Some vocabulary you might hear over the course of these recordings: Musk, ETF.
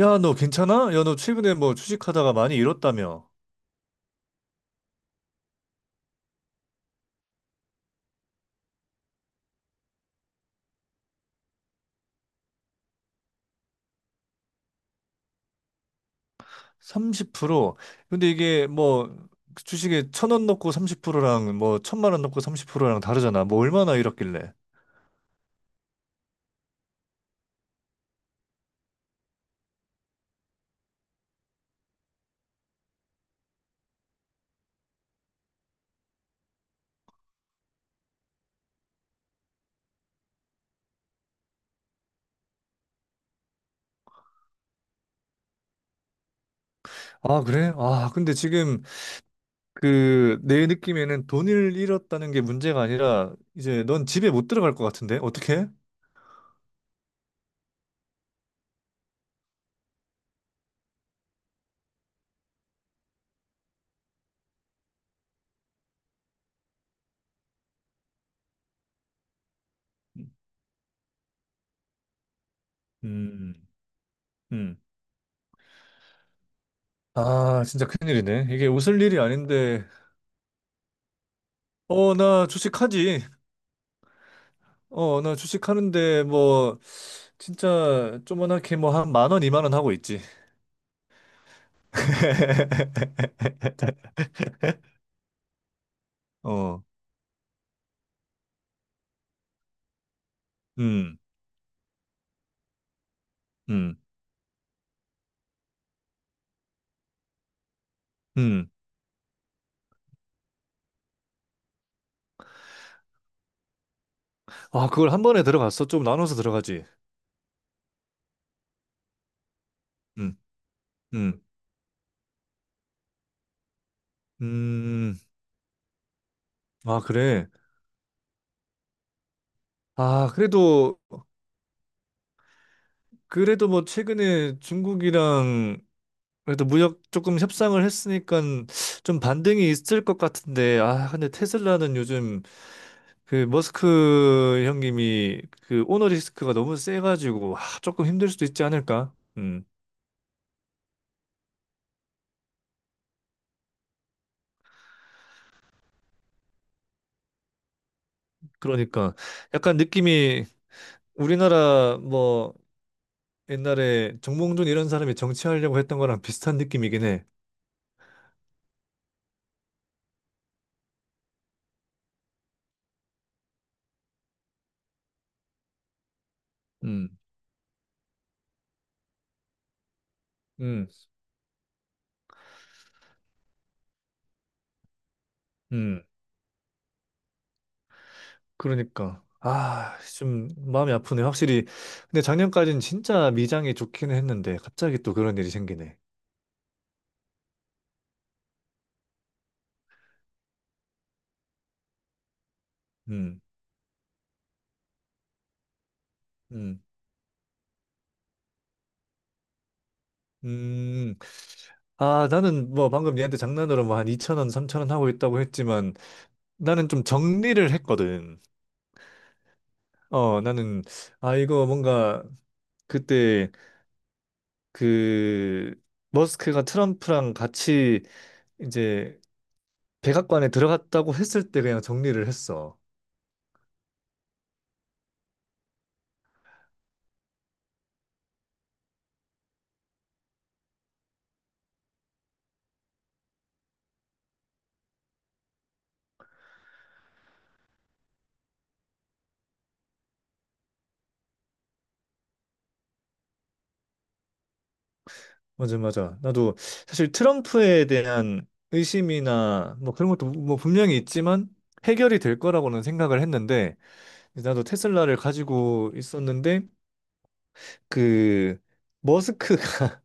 야, 너 괜찮아? 야, 너 최근에 뭐 주식하다가 많이 잃었다며? 30%? 근데 이게 뭐 그 주식에 천원 넣고 30%랑 뭐 천만 원 넣고 30%랑 다르잖아. 뭐 얼마나 잃었길래? 아, 그래? 아, 근데 지금 그 내 느낌에는 돈을 잃었다는 게 문제가 아니라 이제 넌 집에 못 들어갈 것 같은데? 어떻게? 음, 음. 아, 진짜 큰일이네. 이게 웃을 일이 아닌데. 어, 나 주식하지. 어, 나 주식하는데, 뭐, 진짜 조그맣게 뭐 한 만 원, 이만 원 하고 있지. 어, 음, 음, 음. 아, 그걸 한 번에 들어갔어? 좀 나눠서 들어가지. 음, 음, 음. 아, 그래. 아, 그래도, 그래도 뭐 최근에 중국이랑 그래도 무역 조금 협상을 했으니까 좀 반등이 있을 것 같은데, 아, 근데 테슬라는 요즘 그 머스크 형님이 그 오너리스크가 너무 세가지고, 아, 조금 힘들 수도 있지 않을까? 음. 그러니까 약간 느낌이 우리나라 뭐 옛날에 정몽준 이런 사람이 정치하려고 했던 거랑 비슷한 느낌이긴 해. 음, 음, 음. 그러니까 아, 좀 마음이 아프네. 확실히 근데 작년까지는 진짜 미장이 좋기는 했는데 갑자기 또 그런 일이 생기네. 음, 음, 음. 아, 나는 뭐 방금 얘한테 장난으로 뭐 한 2천 원, 3천 원 하고 있다고 했지만 나는 좀 정리를 했거든. 어, 나는 아 이거 뭔가 그때 그 머스크가 트럼프랑 같이 이제 백악관에 들어갔다고 했을 때 그냥 정리를 했어. 맞아, 맞아. 나도 사실 트럼프에 대한 의심이나 뭐 그런 것도 뭐 분명히 있지만 해결이 될 거라고는 생각을 했는데 나도 테슬라를 가지고 있었는데 그 머스크가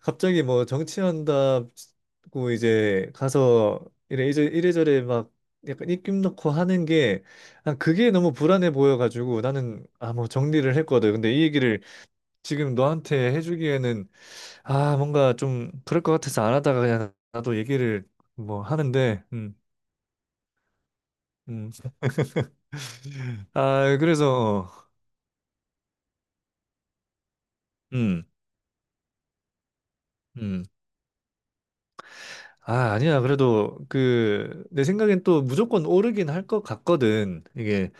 갑자기 뭐 정치한다고 이제 가서 이래 이제 이래저래 막 약간 입김 넣고 하는 게 난 그게 너무 불안해 보여가지고 나는 아 뭐 정리를 했거든. 근데 이 얘기를 지금 너한테 해주기에는 아 뭔가 좀 그럴 것 같아서 안 하다가 그냥 나도 얘기를 뭐 하는데 음 아 그래서 어, 음음 아, 아니야. 그래도 그 내 생각엔 또 무조건 오르긴 할 것 같거든. 이게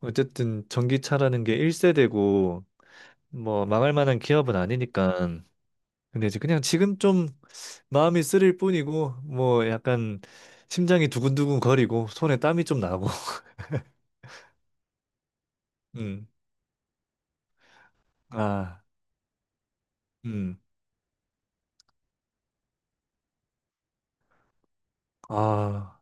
어쨌든 전기차라는 게 1세대고 뭐 망할 만한 기업은 아니니까. 근데 이제 그냥 지금 좀 마음이 쓰릴 뿐이고 뭐 약간 심장이 두근두근 거리고 손에 땀이 좀 나고. 음. 아. 음. 아.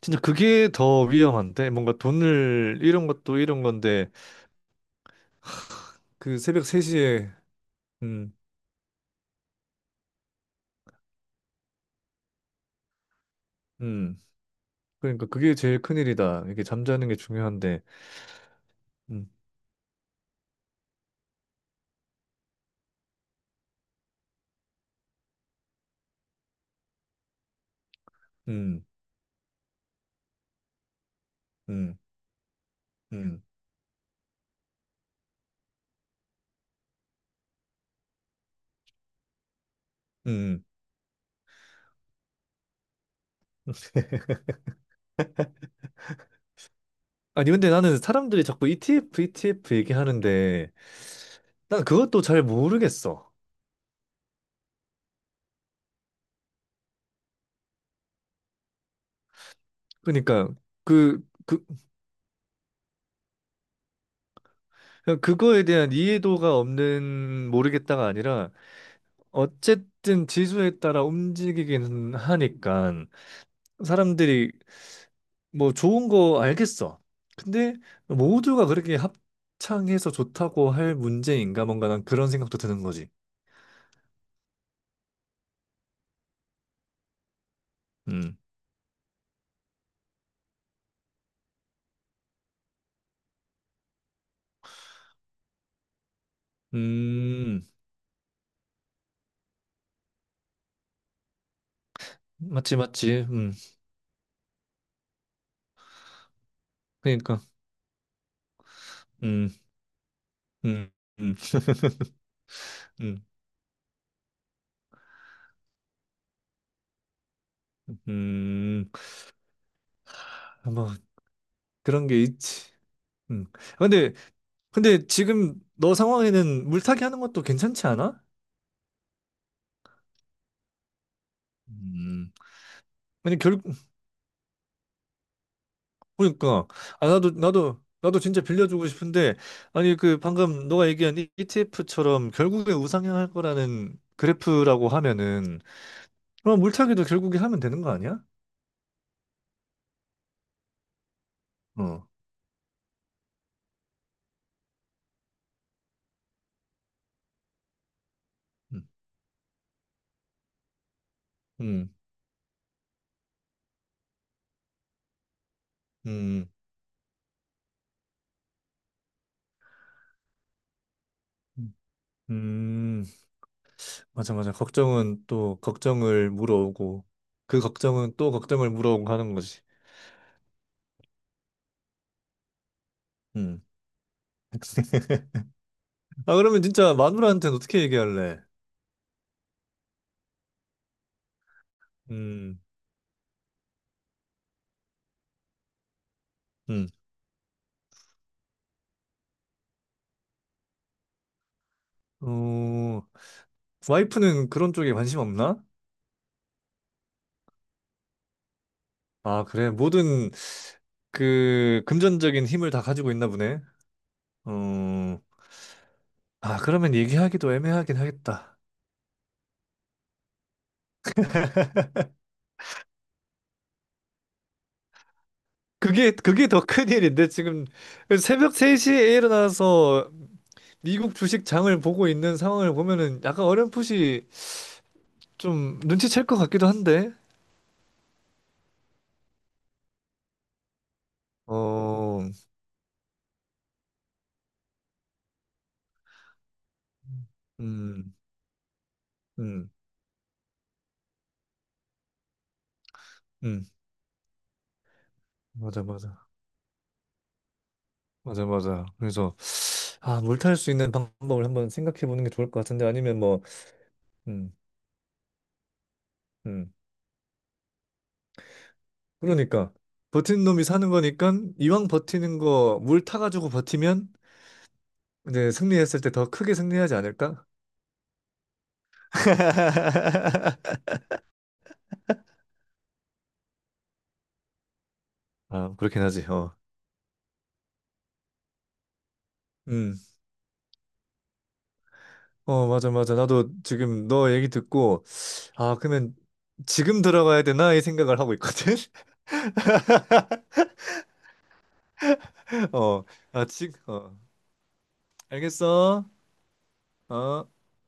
진짜 그게 더 위험한데 뭔가 돈을 잃은 것도 잃은 건데 그 새벽 3시에 음. 음. 그러니까 그게 제일 큰일이다. 이게 잠자는 게 중요한데. 음, 음, 음, 음, 음. 아니, 근데 나는 사람들이 자꾸 ETF, ETF 얘기하는데, 난 그것도 잘 모르겠어. 그러니까, 그, 그, 그냥 그거에 대한 이해도가 없는 모르겠다가 아니라, 어쨌든 지수에 따라 움직이기는 하니까, 사람들이 뭐 좋은 거 알겠어. 근데 모두가 그렇게 합창해서 좋다고 할 문제인가 뭔가 난 그런 생각도 드는 거지. 음, 음, 맞지, 맞지. 그러니까, 음, 음, 음, 음, 음, 뭐 그런 게 있지. 음. 아, 근데, 근데 지금 너 상황에는 물타기 하는 것도 괜찮지 않아? 음. 아니 결, 그러니까 아 나도 진짜 빌려주고 싶은데 아니 그 방금 너가 얘기한 ETF처럼 결국에 우상향할 거라는 그래프라고 하면은 그럼 물타기도 결국에 하면 되는 거 아니야? 어. 음. 음. 음. 음. 음. 맞아 맞아. 걱정은 또 걱정을 물어오고 그 걱정은 또 걱정을 물어오고 하는 거지. 음. 아 그러면 진짜 마누라한테는 어떻게 얘기할래? 음. 음. 어. 와이프는 그런 쪽에 관심 없나? 아, 그래. 모든 그 금전적인 힘을 다 가지고 있나 보네. 어, 아, 그러면 얘기하기도 애매하긴 하겠다. 그게, 그게 더 큰일인데, 지금 새벽 3시에 일어나서 미국 주식 장을 보고 있는 상황을 보면은 약간 어렴풋이 좀 눈치챌 것 같기도 한데, 어, 음, 음, 음, 맞아, 맞아. 맞아, 맞아. 그래서, 아, 물탈 수 있는 방법을 한번 생각해 보는 게 좋을 것 같은데, 아니면 뭐, 음, 음. 그러니까 버티는 놈이 사는 거니까 이왕 버티는 거 물 타가지고 버티면 이제 승리했을 때 더 크게 승리하지 않을까? 아, 그렇긴 하지. 어. 음. 어, 맞아, 맞아. 나도 지금 너 얘기 듣고, 아, 그러면 지금 들어가야 되나? 이 생각을 하고 있거든? 어. 아, 지금, 어. 알겠어? 어.